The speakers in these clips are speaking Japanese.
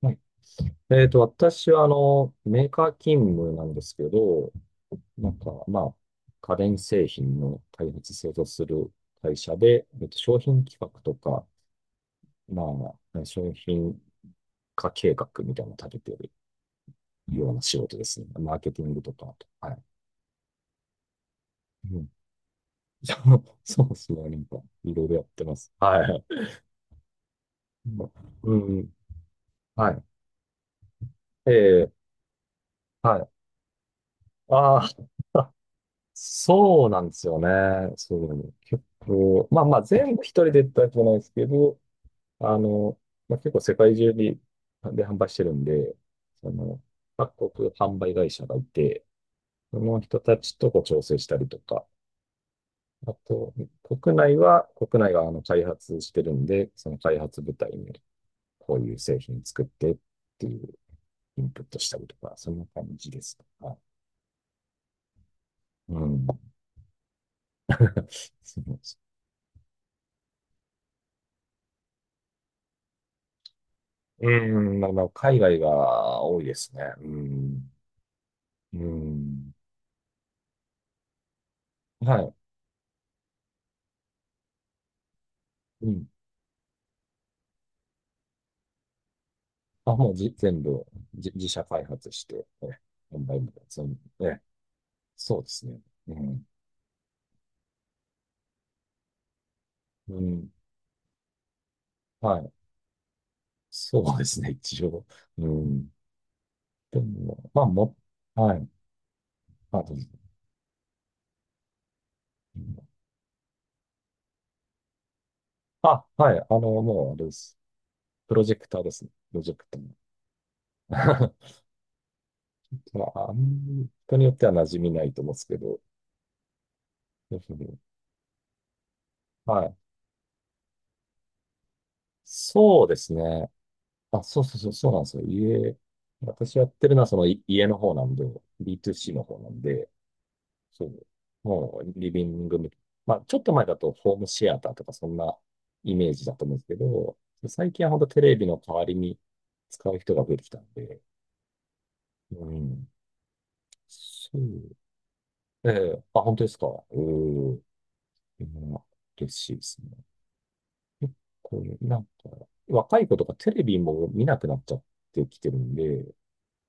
はい。私は、メーカー勤務なんですけど、なんか、まあ、家電製品の開発、製造する会社で、商品企画とか、まあ、商品化計画みたいなのを立ててるような仕事ですね。マーケティングとか、はい。うん、そうそうですね。なんか、いろいろやってます。はい。うん。うんはい。ええはい。ああ。そうなんですよね。そうね。結構、まあまあ全部一人でってわけじゃないですけど、あの、まあ、結構世界中にで販売してるんで、その、各国販売会社がいて、その人たちとこう調整したりとか、あと、国内が開発してるんで、その開発部隊にこういう製品作ってっていうインプットしたりとか、そんな感じですとか。うん。うん、まあ、まあ海外が多いですね。うん。うん。はい。うん。あ、もう、全部、自社開発して、販売も全部、そうですね。うん。うん。はい。そうですね、一応。うん。でも、まあ、も、はい。あ、どうぞ。うんあ、はい。もう、あれです。プロジェクターですね。プロジェクター。まあ、あん人によっては馴染みないと思うんですけど。うんはい。そうですね。あ、そうそうそう、そうなんですよ。家、私やってるのはその家の方なんで、B2C の方なんで、そう、もうリビング、まあちょっと前だとホームシアターとかそんなイメージだと思うんですけど、最近は本当テレビの代わりに使う人が増えてきたんで、うん、そう、ええあ、本当ですか。うーん嬉しいですね。結構ね、なんか、若い子とかテレビも見なくなっちゃってきてるんで、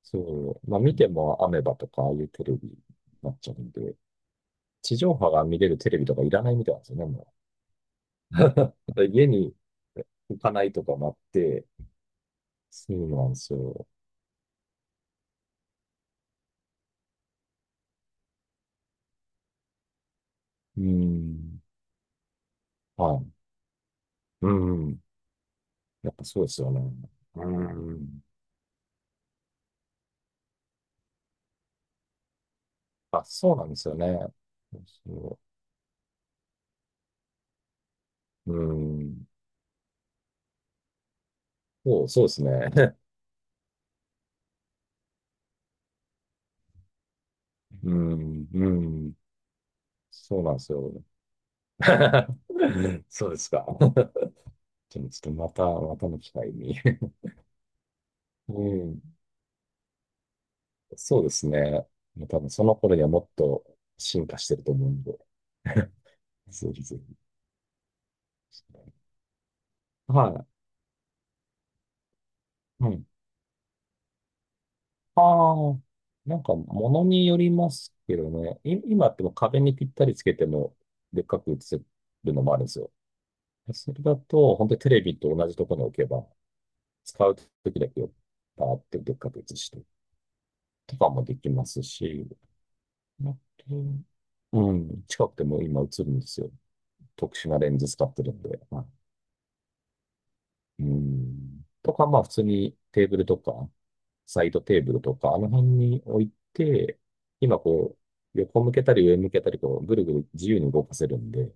そう。まあ見てもアメバとかああいうテレビになっちゃうんで、地上波が見れるテレビとかいらないみたいなんですよね、もう。だから家に行かないとかもあって、そうなんですよ。うーん。はい。うん。やっぱそうですよね。うん。あ、そうなんですよね。そう。うん。そう、そうですね。うん。うん。そうなんですよ。そうですか。じゃあちょっとまた、またの機会に。うん。そうですね。もう多分その頃にはもっと進化してると思うんで。ぜひぜひ。はい。うん。ああ、なんか物によりますけどね。今ってもう壁にぴったりつけてもでっかく映せるのもあるんですよ。それだと、本当にテレビと同じところに置けば、使う時だけをバーってでっかく映してとかもできますし、あとうん、近くても今映るんですよ。特殊なレンズ使ってるんで。はいうん。とか、まあ普通にテーブルとか、サイドテーブルとか、あの辺に置いて、今こう、横向けたり上向けたり、こう、ぐるぐる自由に動かせるんで、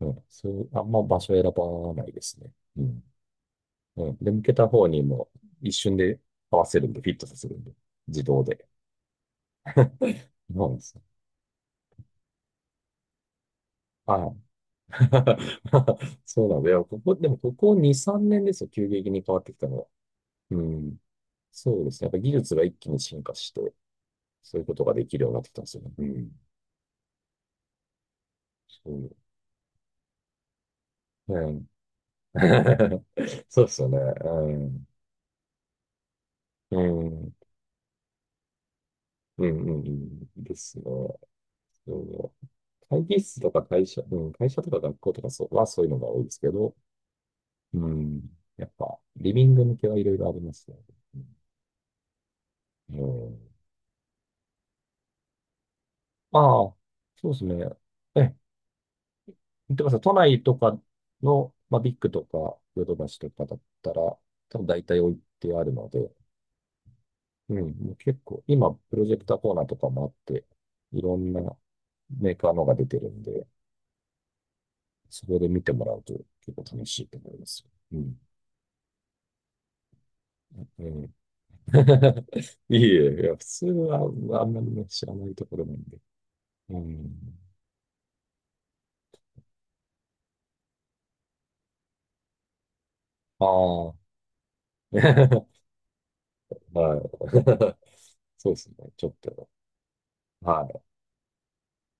うん、そう、あんま場所選ばないですね。うん。うん。で、向けた方にも一瞬で合わせるんで、フィットさせるんで、自動で。そうなんですよ。はい。そうなんだよ。ここ、でもここ2、3年ですよ。急激に変わってきたのは。うん。そうですね。やっぱ技術が一気に進化して、そういうことができるようになってきたんですよね。うん。そう。うん。そうですよね。うん。うん。うん、うん、うん。ですね。そう。会議室とか会社、うん、会社とか学校とかそうはそういうのが多いですけど、うん。やっぱ、リビング向けはいろいろありますね。うん。うんああ、そうですね。え、見てください。都内とかの、まあ、ビッグとか、ヨドバシとかだったら、多分大体置いてあるので、うん、もう結構、今、プロジェクターコーナーとかもあって、いろんなメーカーのが出てるんで、そこで見てもらうと結構楽しいと思いますよ。うん。うん。いえいえ、いや、普通はあんまりね、知らないところなんで。うん。ああ。はい。そうですね。ちょっと。はい。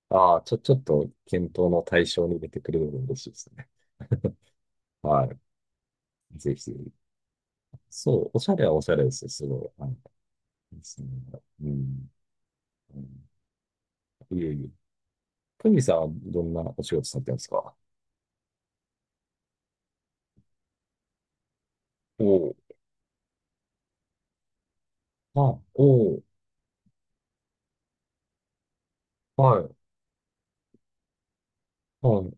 ああ、ちょっと検討の対象に入れてくれるの嬉しいですね。はい。ぜひ。そう、おしゃれはおしゃれですよ。すごい。はい。いですね。うん。うんいえいえ。トミーさんはどんなお仕事されてるんですか？おおーあ、おお、はい、は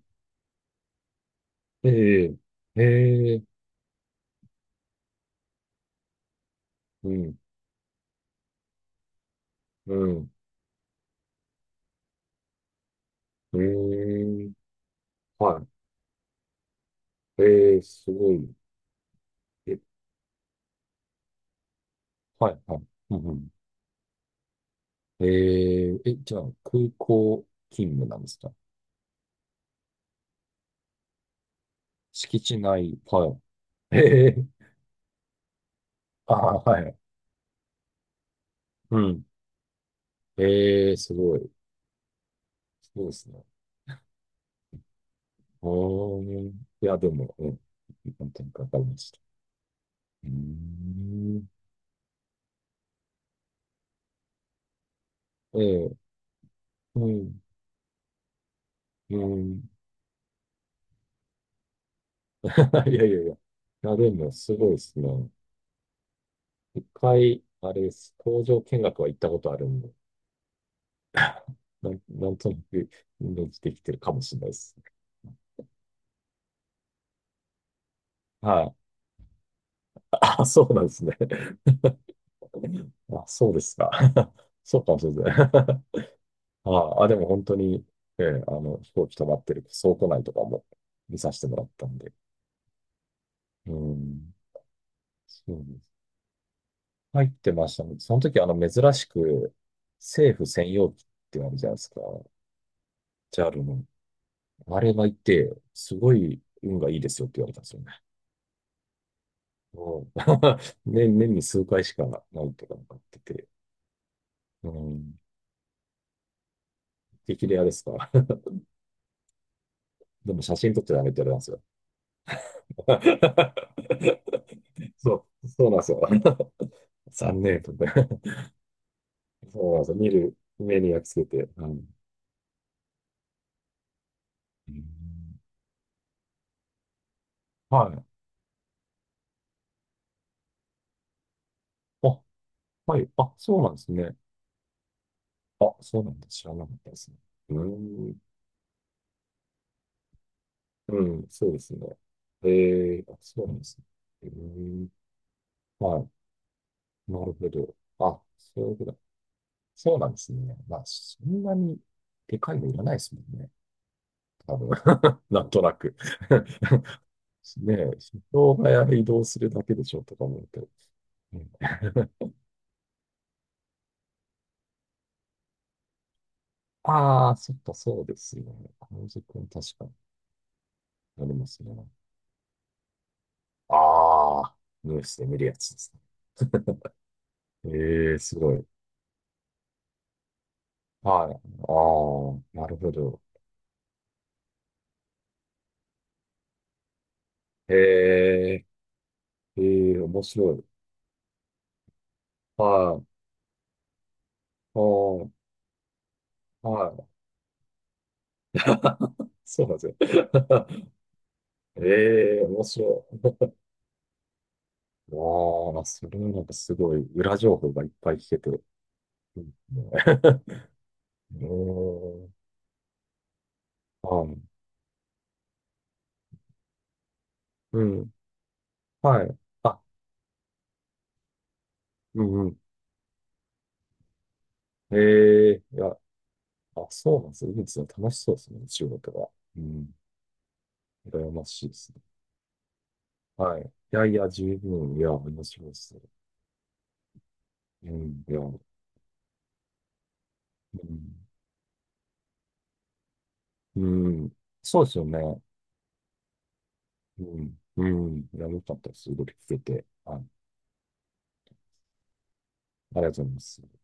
い、ええ、ええ、うん、うん、ええ、はい、ええ、すごい、え、はい、はい、うんうん、ええ、え、じゃあ、空港勤務なんですか？敷地内、はい、ええ、ああ、はい、うん、ええ、すごい、そうですね。うーん、いや、でも、うん、何点かわかりました。うーん、ええうん。うん。いやいやいや。いや、でも、すごいですね。一回、あれです。工場見学は行ったことあるんで、なんとなくイメージできてるかもしれないです。はい。あ、そうなんですね。あ、そうですか。そうかもしれないで あ、あ、でも本当に、ええ、飛行機止まってる倉庫内とかも見させてもらったんで。うん。そうです。入ってましたね。その時、珍しく、政府専用機ってあるじゃないですか。JAL の。あれがいて、すごい運がいいですよって言われたんですよね。うん 年に数回しかないってかなんか言ってて。うん。激レアですか。でも写真撮っちゃダメって言われたんですよ。そう、そうなんですよ。残念とか。そうなんですよ。見る目に焼き付けて。うん。うんはい。あ、はい。あ、そうなんですね。あ、そうなんだ。知らなかったですね。うん。うん、そうですね。えー、あ、そうなんですね。えー、はい。なるほど。あ、そういうことだ。そうなんですね。まあ、そんなにでかいのいらないですもんね。多分。なんとなく ねえ、人が移動するだけでしょとか思うと。あ あー、そっか、そうですよね。あの時間確かになりますね。ああ、ニュースで見るやつですね。ええ、すごい。はい。ああ、なるほど。ええ、ええ、面白い。はい。ああ、はい。そうなんですよ。ええ面白い。わあ、それはなんかすごい裏情報がいっぱい聞けて。うん。うーん。あ、うん。はい。あ、うんうん。ええいや、あ、そうなんですね。いいですね。楽しそうですね。仕事が。うん。羨ましいですね。はい。いやいや、十分。いや、面白いですね。うん。いや、うん。うん。そうですよね。うん。うん。いや、よかったです。ごいろ聞けて。はい。ありがとうございます。